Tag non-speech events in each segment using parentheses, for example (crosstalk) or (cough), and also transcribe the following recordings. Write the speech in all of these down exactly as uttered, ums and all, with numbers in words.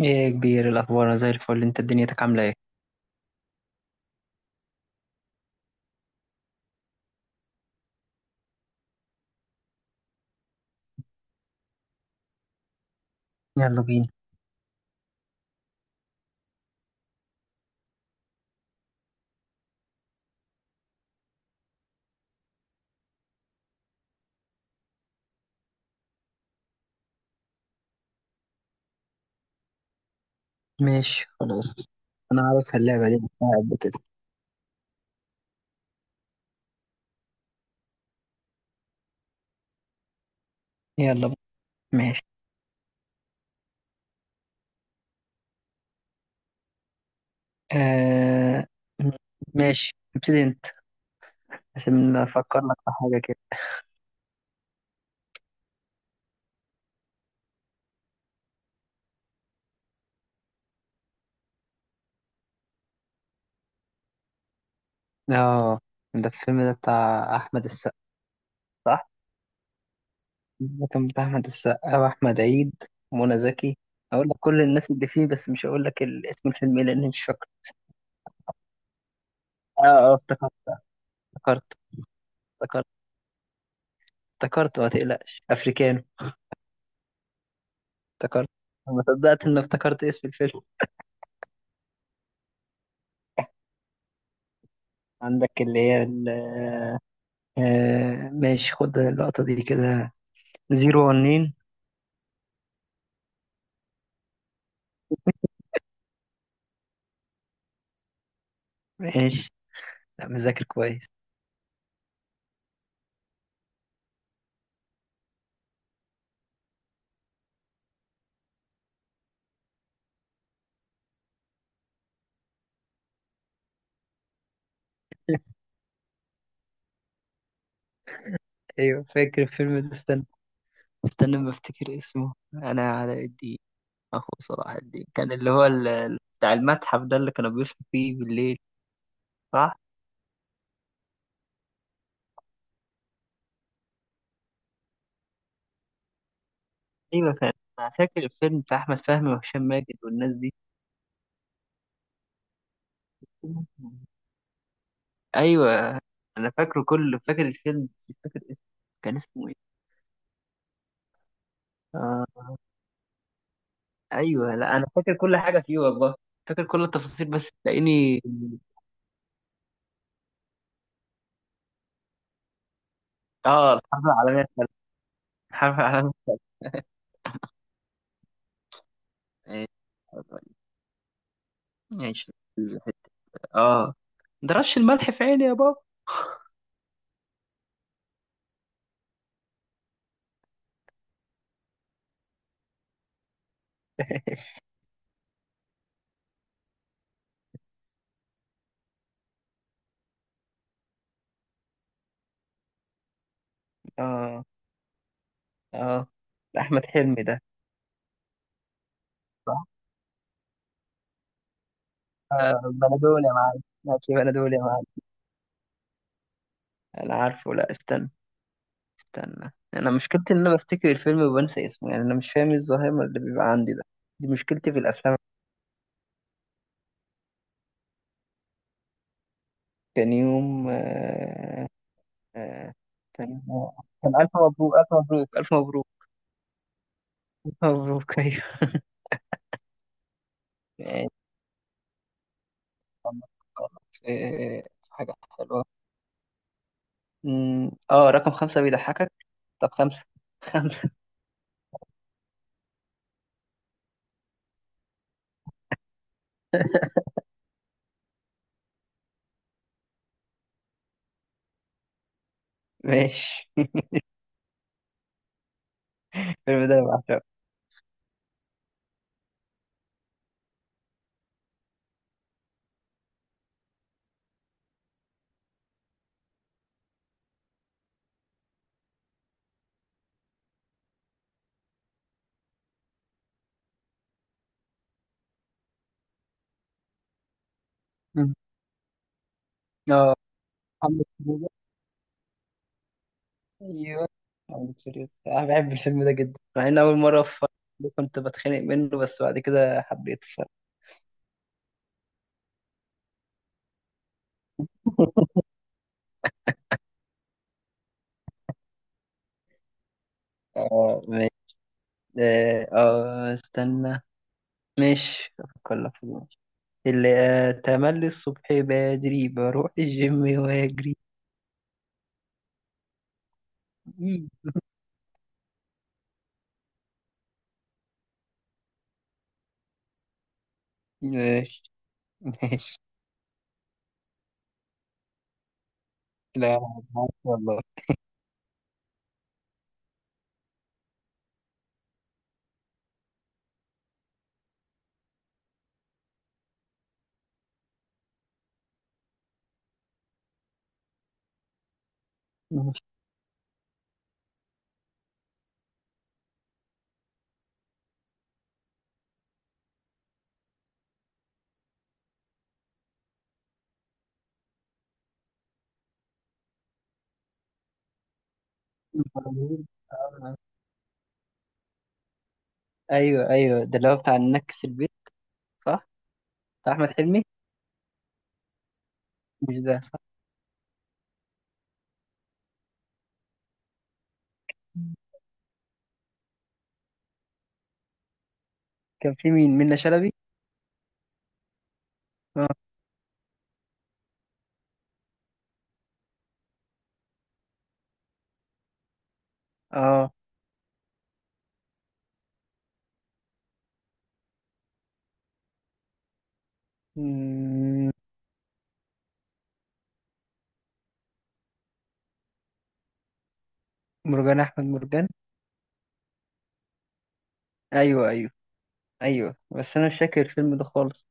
ايه يا كبير الاخبار، أنا زي الفل. انت دنيتك عامله ايه؟ يلا بينا. ماشي، خلاص. انا عارف اللعبه دي بتلعب كده. يلا بينا. ماشي. آه... ماشي، ابتدي انت عشان افكر لك في حاجه كده. اه، ده الفيلم ده بتاع احمد السقا، صح. ده كان بتاع احمد السقا واحمد عيد ومنى زكي. اقول لك كل الناس اللي فيه بس مش هقول لك ال- اسم الفيلم إيه لاني مش فاكره. اه. اه، افتكرت افتكرت افتكرت افتكرت، ما تقلقش، افريكانو. افتكرت. ما صدقت ان افتكرت اسم الفيلم. عندك اللي هي ال آه، ماشي، خد اللقطة دي كده، زيرو ونين. ماشي. لا، مذاكر كويس. ايوه، فاكر الفيلم ده. استنى استنى، ما افتكر اسمه، انا علاء الدين اخو صلاح الدين، كان اللي هو ال- ال- بتاع المتحف ده اللي كانوا بيصحوا فيه بالليل. صح. ايوه فاهم. انا فاكر الفيلم بتاع احمد فهمي وهشام ماجد والناس دي. ايوه، انا فاكره كله، فاكر الفيلم مش فاكر اسمه. كان اسمه ايه؟ آه، ايوه، لا انا فاكر كل حاجه فيه والله، فاكر كل التفاصيل بس تلاقيني. اه، الحرب العالميه الثالثه. الحرب العالميه. إيه، ماشي الحته. اه. ده رش الملح في عيني يا بابا. اه. اه، ده احمد حلمي ده، صح. آه، بلدول يا معلم، ماشي بلدول يا معلم. انا عارفه، لا استنى. استنى، انا مشكلتي ان انا بفتكر الفيلم وبنسى اسمه، يعني انا مش فاهم إيه الزهايمر اللي بيبقى عندي ده. دي مشكلتي في الافلام. كان يوم آه، آه، تمام آه، كان ألف مبروك ألف مبروك ألف مبروك. ألف مبروك، (laughs) أيوه. آه، طب نفكر في في حاجة حلوة. أمم، آه، رقم خمسة بيضحكك. طب خمسة، (laughs) خمسة. ماشي. الفيلم ده أنا بعشقه. أمم. آه، محمد فلوجة. أيوه، محمد فلوجة. أنا بحب الفيلم ده جدا، مع إن أول مرة في كنت بتخانق منه بس بعد كده حبيته الصراحة. (laughs) آه ماشي. آه، آه، استنى. ماشي، أفكر لك في اللي أتملي الصبح بدري بروح الجيم وأجري. إيه. ماشي. ماشي، لا، معاك والله. ماشي. أيوه أيوه، ده اللي هو بتاع النكس البيت، صح؟ بتاع أحمد حلمي. مش ده، صح؟ كان في مين، منة شلبي؟ اه. اه. مم، مرجان أحمد مرجان. أيوه أيوه. أيوه، بس أنا مش فاكر الفيلم ده خالص.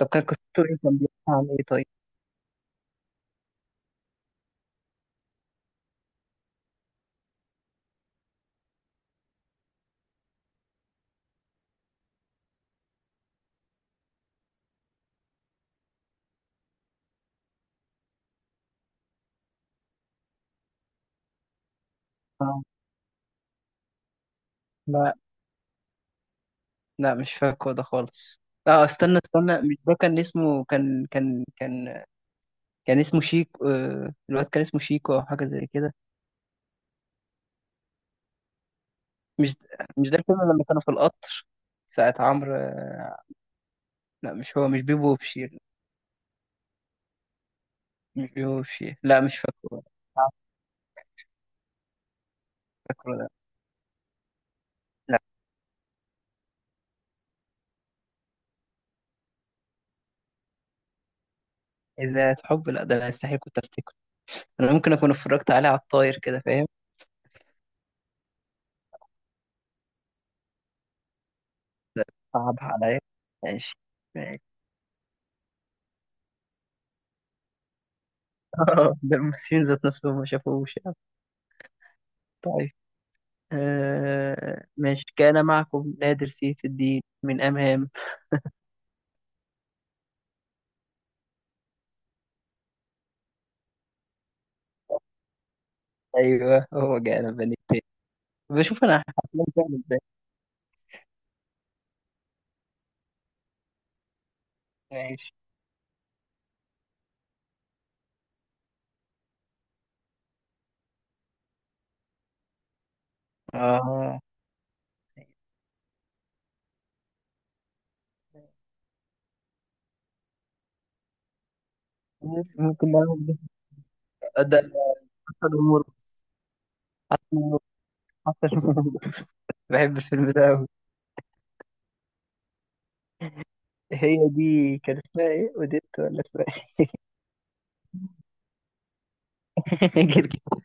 طب كان قصته إيه، كان بيحكي عن إيه طيب؟ آه. لا لا، مش فاكره ده خالص. اه استنى استنى، مش ده كان اسمه، كان كان كان كان اسمه شيكو. آه، الواد كان اسمه شيكو او حاجه زي كده. مش مش ده الفيلم لما كانوا في القطر ساعة عمرو؟ آه، لا، مش هو، مش بيبو وبشير. مش بيبو وبشير، لا مش فاكره. آه، فاكره ده. لا. إذا حب؟ لا، ده انا استحيل كنت افتكره. انا ممكن اكون اتفرجت عليه على الطاير كده، فاهم؟ صعب عليا. ماشي. ماشي. (laughs) ده الممثلين ذات نفسهم ما شافوش يعني. طيب. آه، ماشي، كان معكم نادر سيف الدين من أمام. أيوه، هو جانا بني التاني. بشوف أنا حفلات بتعمل إزاي. ماشي. آه. ممكن، ممكن نعمل. ده ده حتى جمهور، حتى جمهور، حتى جمهور. (laughs) بحب الفيلم ده أوي. هي دي كان اسمها إيه، أوديت ولا اسمها إيه؟ (laughs) جرجر.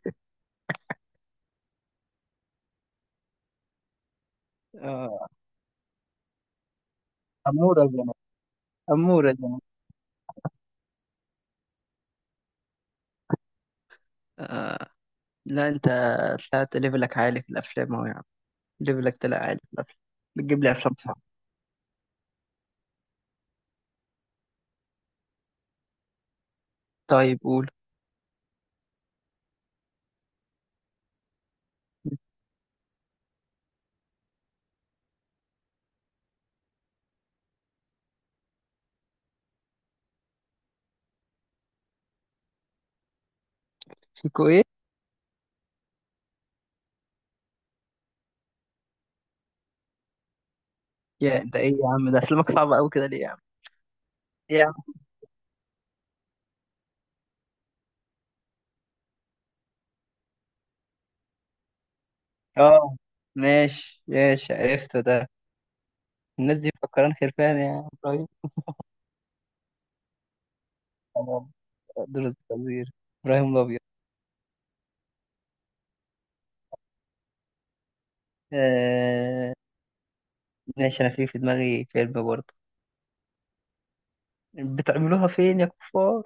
آه، أمورة زمان. أمورة زمان. آه. لا، أنت طلعت ليفلك عالي في الأفلام أهو يا عم. ليفلك طلع عالي في الأفلام. بتجيب لي أفلام صعبة. طيب قول. (laughs) يا، ده ايه يا عم، ده افلامك صعبة قوي كده ليه يا عم؟ إيه يا عم؟ اه ماشي، ماشي عرفته ده. الناس دي مفكران خرفان يا ابراهيم. تمام. دول الخنزير. ابراهيم الابيض. آه ماشي. انا في في دماغي فيلم برضه. بتعملوها فين يا كفار؟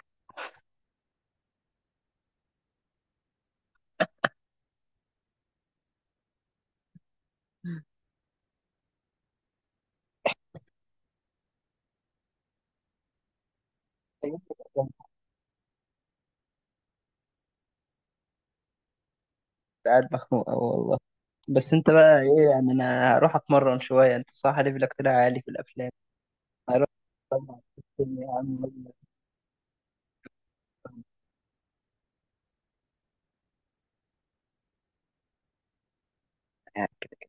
كنت قاعد مخنوق أوي والله. بس انت بقى ايه يعني، انا هروح اتمرن شوية. انت صح، ليفلك طلع عالي في الافلام. هروح أتمرن يا عم.